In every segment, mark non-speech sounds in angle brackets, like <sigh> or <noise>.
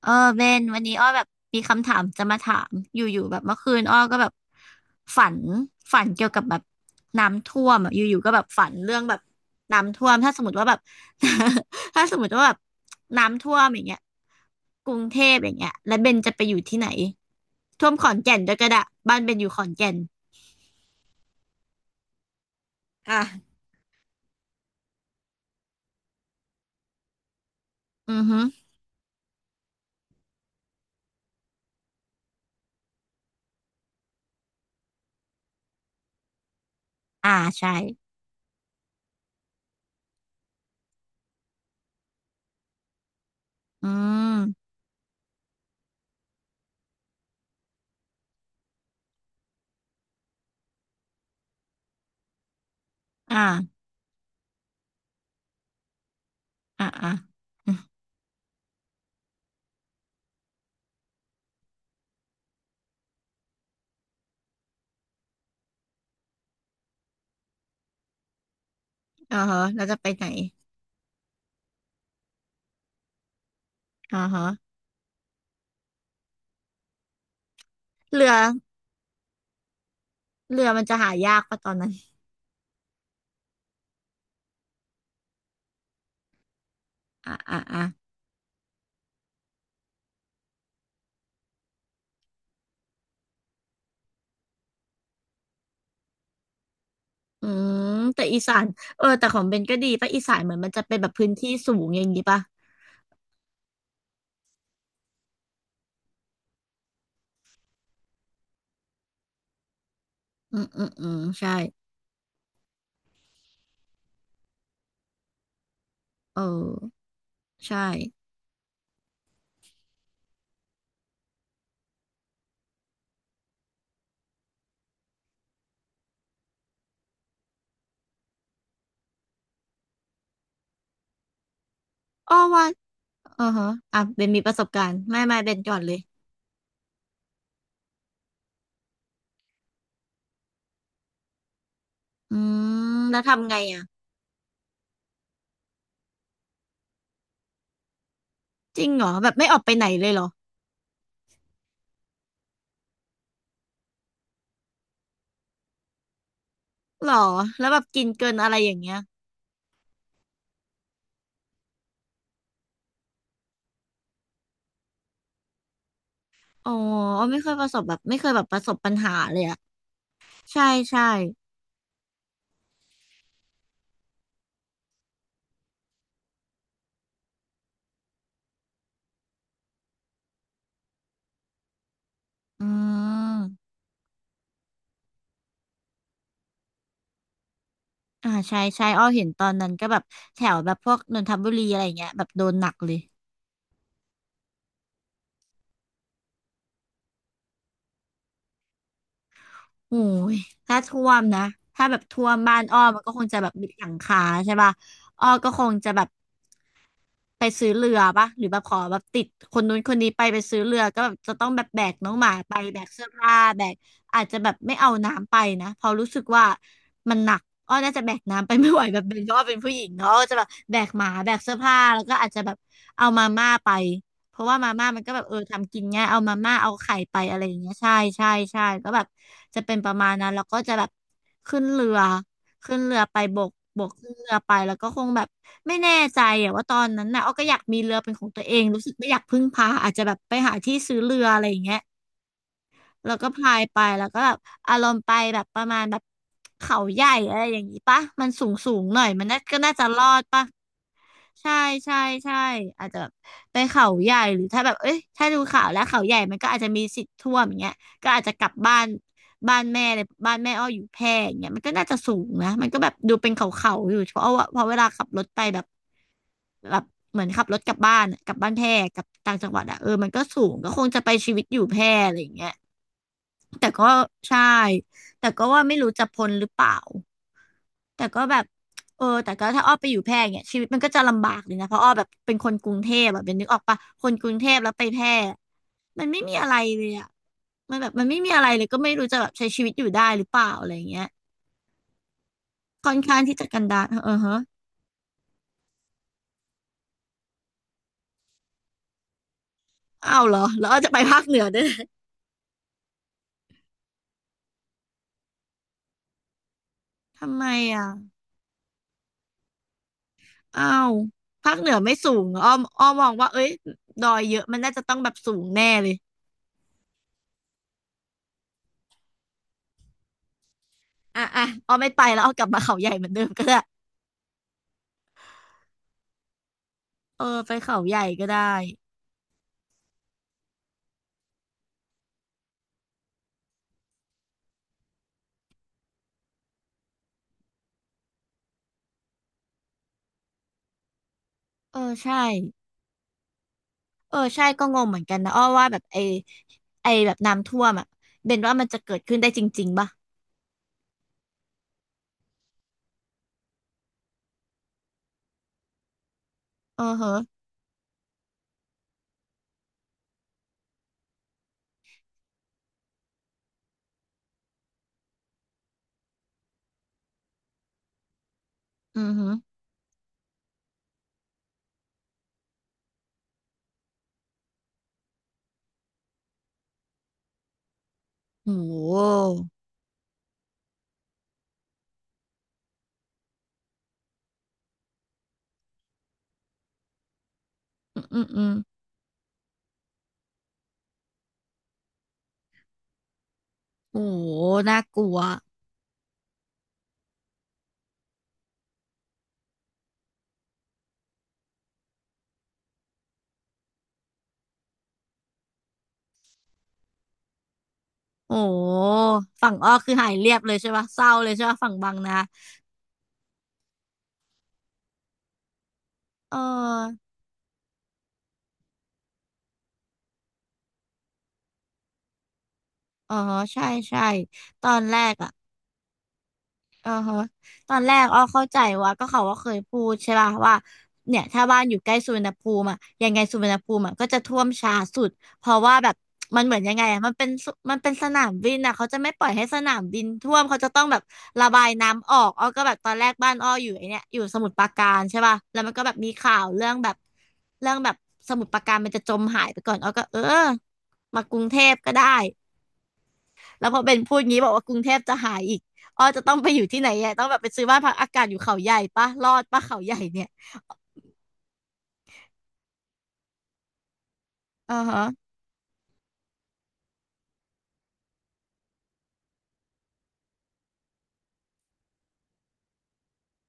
เออเบนวันนี้อ้อแบบมีคำถามจะมาถามอยู่ๆแบบเมื่อคืนอ้อก็แบบฝันฝันเกี่ยวกับแบบน้ำท่วมอ่ะอยู่ๆก็แบบฝันเรื่องแบบน้ำท่วมถ้าสมมติว่าแบบ <laughs> ถ้าสมมติว่าแบบน้ำท่วมอย่างเงี้ยกรุงเทพอย่างเงี้ยแล้วเบนจะไปอยู่ที่ไหนท่วมขอนแก่นด้วยก็ได้บ้านเบนอยู่ขอนแก่นอ่ะอือฮึอ่าใช่อืมอ่าอ่าอ่าอืมอาฮะเราจะไปไหนอ่าฮะเรือ เรือมันจะหายากปะตอนนั้นอ่ะอ่ะอ่ะอืมแต่อีสานเออแต่ของเบนก็ดีปะอีสานเหมือนมันจะเป็นแบบพื้นที่สูงอย่างนี้ปะอืมอืมอืมใช่เออใช่อ้อว่าอือฮะอ่ะเบนมีประสบการณ์ ไม่เบนก่อนเลยอืมแล้วทำไงอ่ะจริงเหรอแบบไม่ออกไปไหนเลยเหรอหรอแล้วแบบกินเกินอะไรอย่างเงี้ยอ๋อไม่เคยประสบแบบไม่เคยแบบประสบปัญหาเลยอ่ะใช่ใช่อืม อ่าใช่ใช่อ้อเห็นตอนนั้นก็แบบแถวแบบพวกนนทบุรีอะไรเงี้ยแบบโดนหนักเลยโอ้ยถ้าท่วมนะถ้าแบบท่วมบ้านอ้อมันก็คงจะแบบมิดหลังคาใช่ป่ะอ้อก็คงจะแบบ ไปซื้อเรือปะหรือแบบขอแบบติดคนนู้นคนนี้ไปซื้อเรือก็แบบจะต้องแบบแบกน้องหมาไปแบกเสื้อผ้าแบกอาจจะแบบไม่เอาน้ำไปนะเพราะรู้สึกว่ามันหนักอ้อน่าจะแบกน้ำไปไม่ไหวแบบเป็นเพราะว่าเป็นผู้หญิงเนาะก็จะแบบแบกหมาแบกเสื้อผ้าแล้วก็อาจจะแบบเอามาม่าไปเพราะว่ามาม่ามันก็แบบเออทำกินง่ายเอามาม่าเอาไข่ไปอะไรอย่างเงี้ยใช่ใช่ใช่ก็แบบจะเป็นประมาณนั้นแล้วก็จะแบบขึ้นเรือ ขึ้นเรือไปบก บกขึ้นเรือไปแล้วก็คงแบบไม่แน่ใจอะว่าตอนนั้นน่ะอ้อก็อยากมีเรือเป็นของตัวเองรู้สึกไม่อยากพึ่งพาอาจจะแบบไปหาที่ซื้อเรืออะไรอย่างเงี้ย แล้วก็พายไปแล้วก็แบบอารมณ์ไปแบบประมาณแบบเขาใหญ่อะไรอย่างนี้ปะมันสูงสูงหน่อยมันน่าก็น่าจะรอดปะใช่ใช่ใช่อาจจะแบบไปเขาใหญ่หรือถ้าแบบเอ้ยถ้าดูข่าวแล้วเขาใหญ่มันก็อาจจะมีสิทธิ์ท่วมอย่างเงี้ยก็อาจจะกลับบ้านบ้านแม่เลยบ้านแม่อ้ออยู่แพร่อย่างเงี้ยมันก็น่าจะสูงนะมันก็แบบดูเป็นเขาเขาอยู่เพราะว่าเพราะเวลาขับรถไปแบบแบบเหมือนขับรถกลับบ้านอะกลับบ้านแพร่กลับต่างจังหวัดอะเออมันก็สูงก็คงจะไปชีวิตอยู่แพร่อะไรอย่างเงี้ย แต่ก็ใช่แต่ก็ว่าไม่รู้จะพ้นหรือเปล่าแต่ก็แบบเออแต่ก็ถ้าอ้อไปอยู่แพร่เนี่ยชีวิตมันก็จะลำบากเลยนะเพราะอ้อแบบเป็นคนกรุงเทพอะเป็นนึกออกปะคนกรุงเทพแล้วไปแพร่มันไม่มีอะไรเลยอะมันแบบมันไม่มีอะไรเลยก็ไม่รู้จะแบบใช้ชีวิตอยู่ได้หรือเปล่าอะไรอย่างเงี้ยค่อนข้างที่จะกันดารเออฮะอ้าวเหรอแล้วอ้อจะไปภาคเหนือด้วย <laughs> ทำไมอ่ะอ้าวภาคเหนือไม่สูงเหรออ้อมอ้อมองว่าเอ้ยดอยเยอะมันน่าจะต้องแบบสูงแน่เลยอ่ะอ่ะอ้อไม่ไปแล้วอ้อกลับมาเขาใหญ่เหมือนเดิมก็ได้ เออไปเขาใหญ่ก็ได้เออใช่เออใช่ก็งงเหมือนกันนะอ้อว่าแบบไอไอแบบน้ำท่วมอ่ะเบนว่ามันจะเกิดขึ้นได้จริงๆป่ะเออเฮออือฮึโอ้โหอืมอืมอืมโอ้โหน่ากลัวโอ้โหฝั่งอ้อคือหายเรียบเลยใช่ป่ะเศร้าเลยใช่ป่ะฝั่งบางนาเอออ๋อใช่ใช่ตอนแรกอ่ะ อ่าฮะตอนแรกอ้อเข้าใจว่าก็เขาว่าเคยพูดใช่ป่ะว่าเนี่ยถ้าบ้านอยู่ใกล้สุวรรณภูมิอ่ะยังไงสุวรรณภูมิอะก็จะท่วมช้าสุดเพราะว่าแบบมันเหมือนยังไงอะมันเป็นสนามบินอ่ะเขาจะไม่ปล่อยให้สนามบินท่วมเขาจะต้องแบบระบายน้ำออกอ้อก็แบบตอนแรกบ้านอ้ออยู่ไอเนี่ยอยู่สมุทรปราการใช่ป่ะแล้วมันก็แบบมีข่าวเรื่องแบบเรื่องแบบสมุทรปราการมันจะจมหายไปก่อนอ้อก็เออมากรุงเทพก็ได้ แล้วพอเบนพูดงี้บอกว่ากรุงเทพจะหายอีกอ้อจะต้องไปอยู่ที่ไหนอ่ะต้องแบบไปซื้อบ้านพักอากาศอยู่เขาใหญ่ปะรอดปะเขาใหญ่เนี่ยอ่าฮะ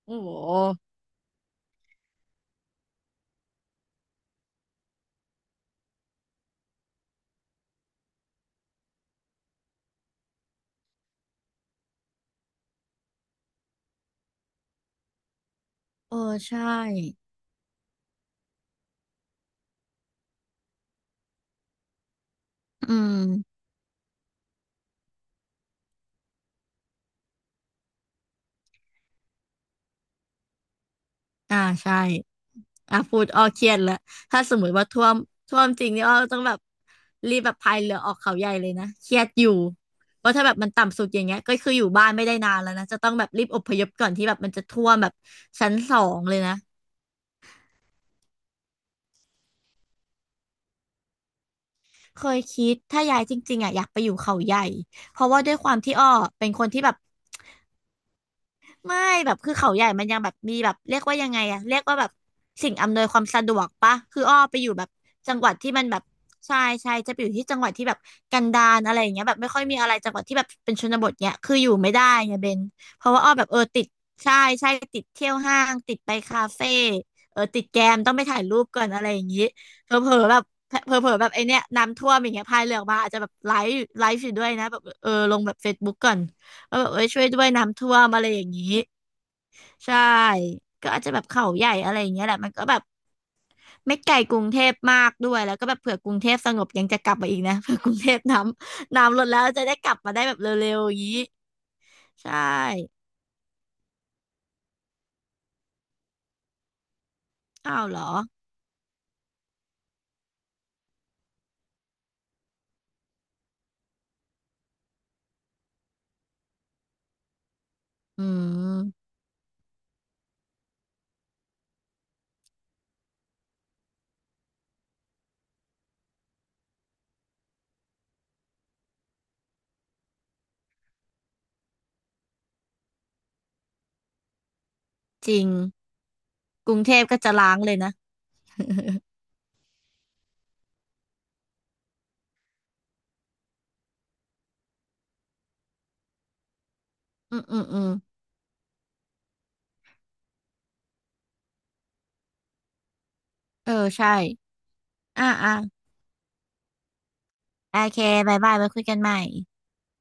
โอ้โหเออใช่อืมอ่าใช่อ่ะพูดอ้อเครียดแล้วถ้าสมมติว่าท่วมจริงนี่อ้อต้องแบบรีบแบบพายเรือออกเขาใหญ่เลยนะเครียดอยู่เพราะถ้าแบบมันต่ำสุดอย่างเงี้ยก็คืออยู่บ้านไม่ได้นานแล้วนะจะต้องแบบรีบอพยพก่อนที่แบบมันจะท่วมแบบชั้นสองเลยนะ เคยคิดถ้าย้ายจริงๆอ่ะอยากไปอยู่เขาใหญ่เพราะว่าด้วยความที่อ้อเป็นคนที่แบบ ไม่แบบคือเขาใหญ่มันยังแบบมีแบบเรียกว่ายังไงอะเรียกว่าแบบสิ่งอำนวยความสะดวกปะคืออ้อไปอยู่แบบจังหวัดที่มันแบบใช่ใช่จะไปอยู่ที่จังหวัดที่แบบกันดารอะไรอย่างเงี้ยแบบไม่ค่อยมีอะไรจังหวัดที่แบบเป็นชนบทเนี้ยคืออยู่ไม่ได้ไงเบนเพราะว่าอ้อแบบเออติดใช่ใช่ติดเที่ยวห้างติดไปคาเฟ่เออติดแกมต้องไปถ่ายรูปก่อนอะไรอย่างงี้เผลอๆแบบเผลอๆแบบไอเนี้ยน้ำท่วมอย่างเงี้ยพายเรือออกมาอาจจะแบบไลฟ์อยู่ด้วยนะแบบเออลงแบบเฟซบุ๊กก่อนว่าแบบเออช่วยด้วยน้ำท่วมอะไรอย่างงี้ ใช่ ก็อาจจะแบบเขาใหญ่อะไรอย่างเงี้ยแหละมันก็แบบไม่ไกลกรุงเทพมากด้วย แล้วก็แบบเผื่อกรุงเทพสงบยังจะกลับมาอีกนะ <laughs> เผื่อกรุงเทพน้ำลดแล้วจะได้กลับมาได้แบบเร็วๆอย่างนี้ใช่ อ้าวเหรอ อืม จริงกรุงเทพก็จะล้างเลยนะ <laughs> อืมอืมอืมเออใช่อ่าอ่าโอเคบายบายไว้คุยกันใหม่